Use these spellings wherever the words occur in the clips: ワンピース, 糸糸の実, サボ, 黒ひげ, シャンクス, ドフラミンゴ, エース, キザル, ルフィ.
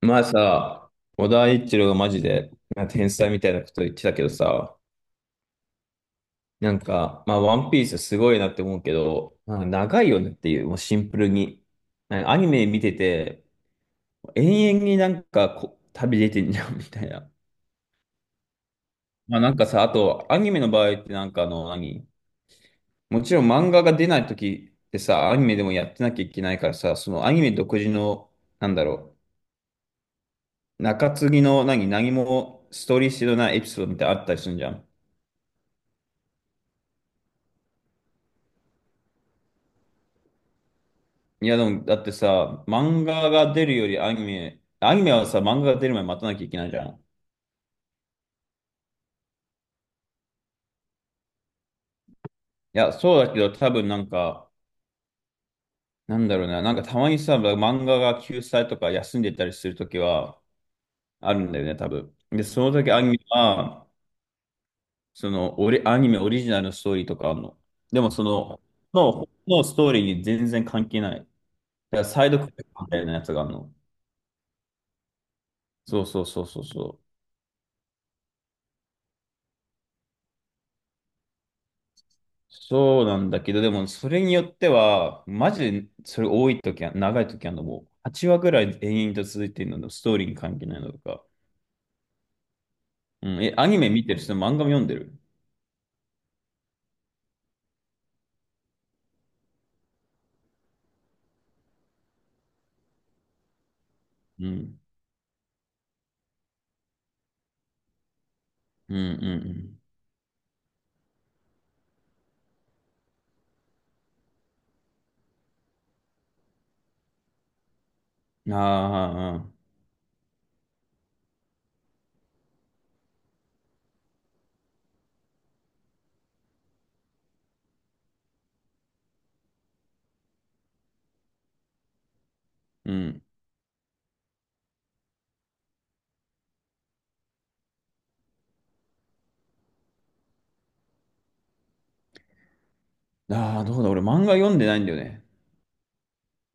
まあさ、小田一郎がマジで天才みたいなこと言ってたけどさ、ワンピースすごいなって思うけど、なんか長いよねっていう、もうシンプルに。なんかアニメ見てて、延々にこ旅出てんじゃんみたいな。まあなんかさ、あと、アニメの場合ってなんかもちろん漫画が出ない時ってさ、アニメでもやってなきゃいけないからさ、そのアニメ独自の、なんだろう、中継ぎの何もストーリー性のないエピソードみたいなのあったりするじゃん。いや、でも、だってさ、漫画が出るよりアニメはさ、漫画が出る前に待たなきゃいけないじゃん。いや、そうだけど、多分なんか、なんだろうな、なんかたまにさ、漫画が休載とか休んでたりするときはあるんだよね、多分。で、その時アニメは、その、アニメオリジナルのストーリーとかあるの。でも、のストーリーに全然関係ない。だからサイドクエストみたいなやつがあるの。そうそうそうそうそう。そうなんだけど、でもそれによっては、マジでそれ多い時は、長い時はもう8話ぐらい延々と続いてるので、ストーリーに関係ないのとか。うん、え、アニメ見てる人、漫画も読んでる。うん、うん、うん、うん。ああ、うん。ああ、どうだ、俺漫画読んでないんだよね。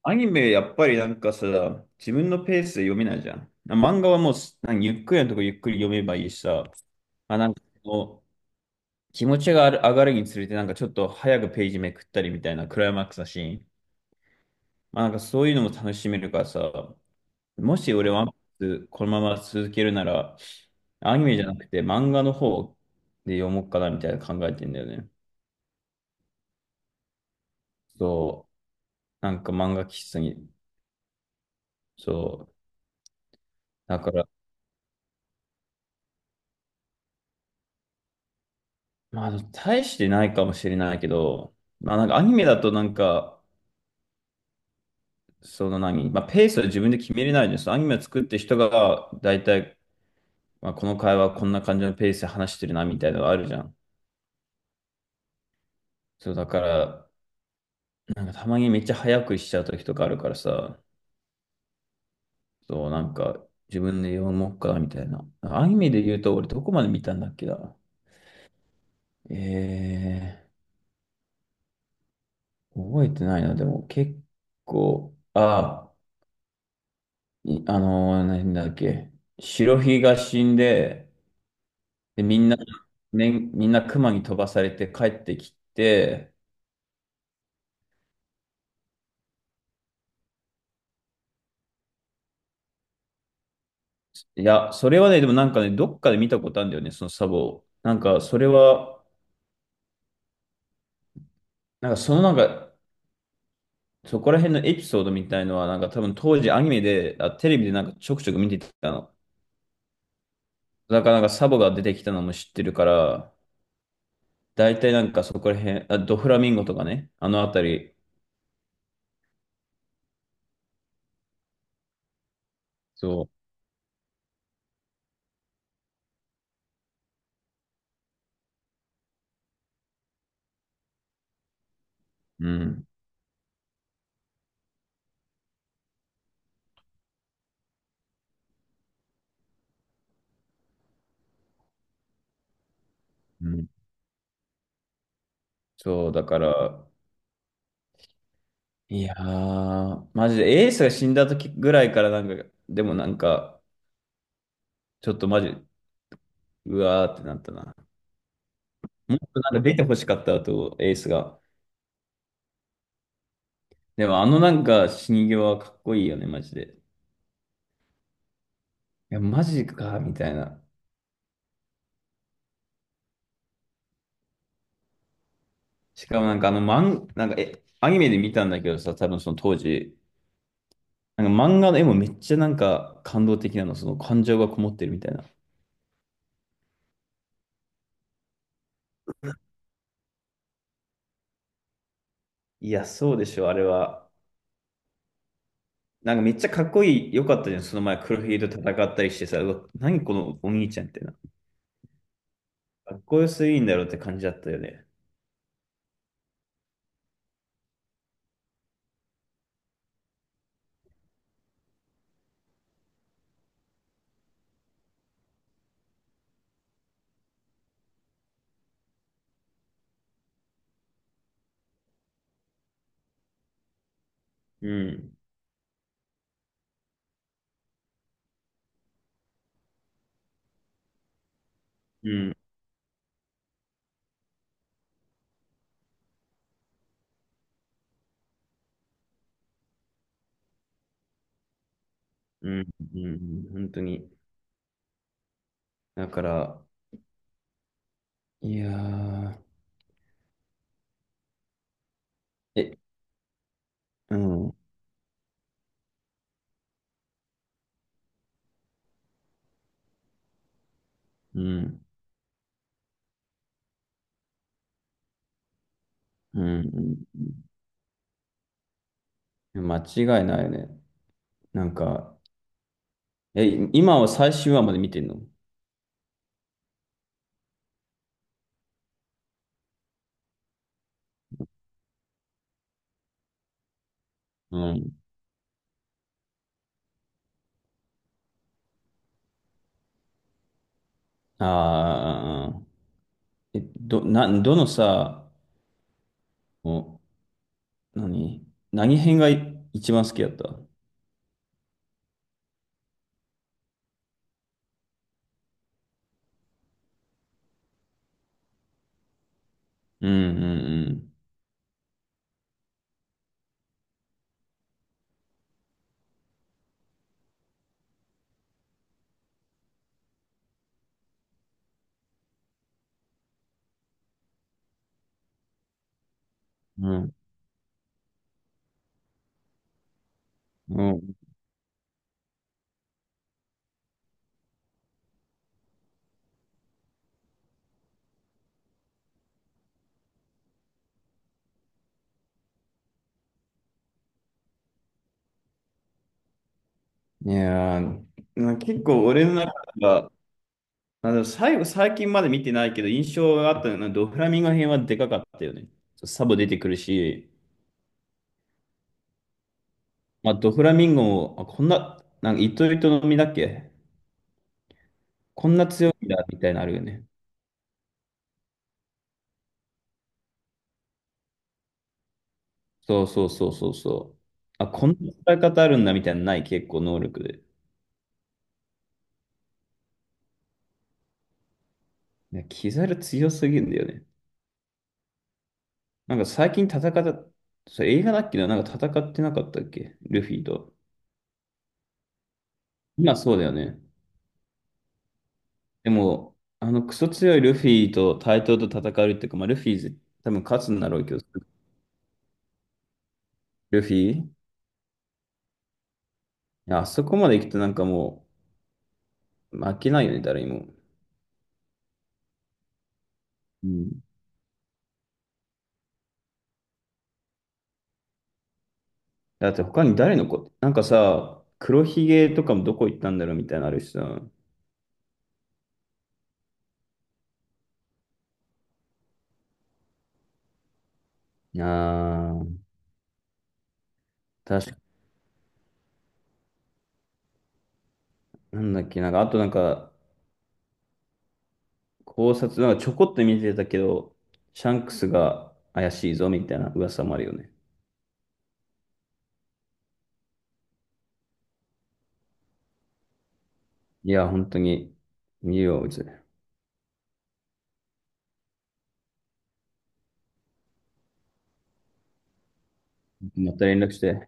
アニメ、やっぱりなんかさ、自分のペースで読めないじゃん。漫画はもう、なんかゆっくりのとこゆっくり読めばいいしさ、あ、なんか気持ちがある上がるにつれて、なんかちょっと早くページめくったりみたいなクライマックスだし、まあなんかそういうのも楽しめるからさ、もし俺ワンピースこのまま続けるなら、アニメじゃなくて漫画の方で読もうかなみたいな考えてんだよね。そう、なんか漫画喫茶に、そう、だから、まあ大してないかもしれないけど、まあなんかアニメだとなんか、その何、まあペースは自分で決めれないです。アニメを作ってる人が大体まあ、この会話こんな感じのペースで話してるなみたいなのがあるじゃん。そう、だから、なんかたまにめっちゃ早くしちゃう時とかあるからさ、そう、なんか自分で読もうかみたいな。アニメで言うと俺どこまで見たんだっけな。え覚えてないな。でも結構、あ、いあのー、なんだっけ。白ひが死んで、で、みんな、ね、みんな熊に飛ばされて帰ってきて、いや、それはね、でもなんかね、どっかで見たことあるんだよね、そのサボを。なんか、それは、なんかそのなんか、そこら辺のエピソードみたいのは、なんか多分当時アニメで、あ、テレビでなんかちょくちょく見てたの。だからなんかサボが出てきたのも知ってるから、大体なんかそこら辺、あ、ドフラミンゴとかね、あのあたり。そう。うん。うん。そう、だから、いやー、マジでエースが死んだ時ぐらいからなんか、でもなんか、ちょっとマジ、うわーってなったな。もっとなんか出て欲しかったと、エースが。でもあのなんか死に際はかっこいいよね、マジで。いや、マジか、みたいな。しかもなんかあの漫、なんかえ、アニメで見たんだけどさ、多分その当時、なんか漫画の絵もめっちゃなんか感動的なの、その感情がこもってるみたいな。いや、そうでしょ、あれは。なんかめっちゃかっこいい、よかったじゃん、その前黒ひげと戦ったりしてさ、うわ、何このお兄ちゃんってな。かっこよすぎんだろうって感じだったよね。うん、うん、うん、うん、うん本当に。だから、いやー、え、うん、うん、うん、うん。間違いないよね。なんか、え、今は最終話まで見てんの？うん。ああ、え、ど、な、どのさ、お、何何編がい一番好きだった？うん、うん、うん。うん、うん。いやー、な結構俺の中では、あの、最近まで見てないけど、印象があったのは、ドフラミンゴ編はでかかったよね。サボ出てくるし、まあ、ドフラミンゴも、あ、こんな、なんか、糸糸の実だっけ？こんな強いんだ、みたいなのあるよね。そうそうそうそうそう。あ、こんな使い方あるんだ、みたいなのない、結構能力で。いや、キザル強すぎるんだよね。なんか最近戦った、それ映画だっけな、なんか戦ってなかったっけルフィと。今そうだよね。でも、あのクソ強いルフィと対等と戦うっていうか、まあ、ルフィ多分勝つんだろうけど、ルフィ、いやあそこまで行くとなんかもう負けないよね、誰にも。うん、だって他に誰の子、なんかさ、黒ひげとかもどこ行ったんだろうみたいなのあるしさ。あー、確か、なんだっけ、なんか、あとなんか、考察、なんかちょこっと見てたけど、シャンクスが怪しいぞみたいな噂もあるよね。いや、本当に、見るよ、うち。また連絡して。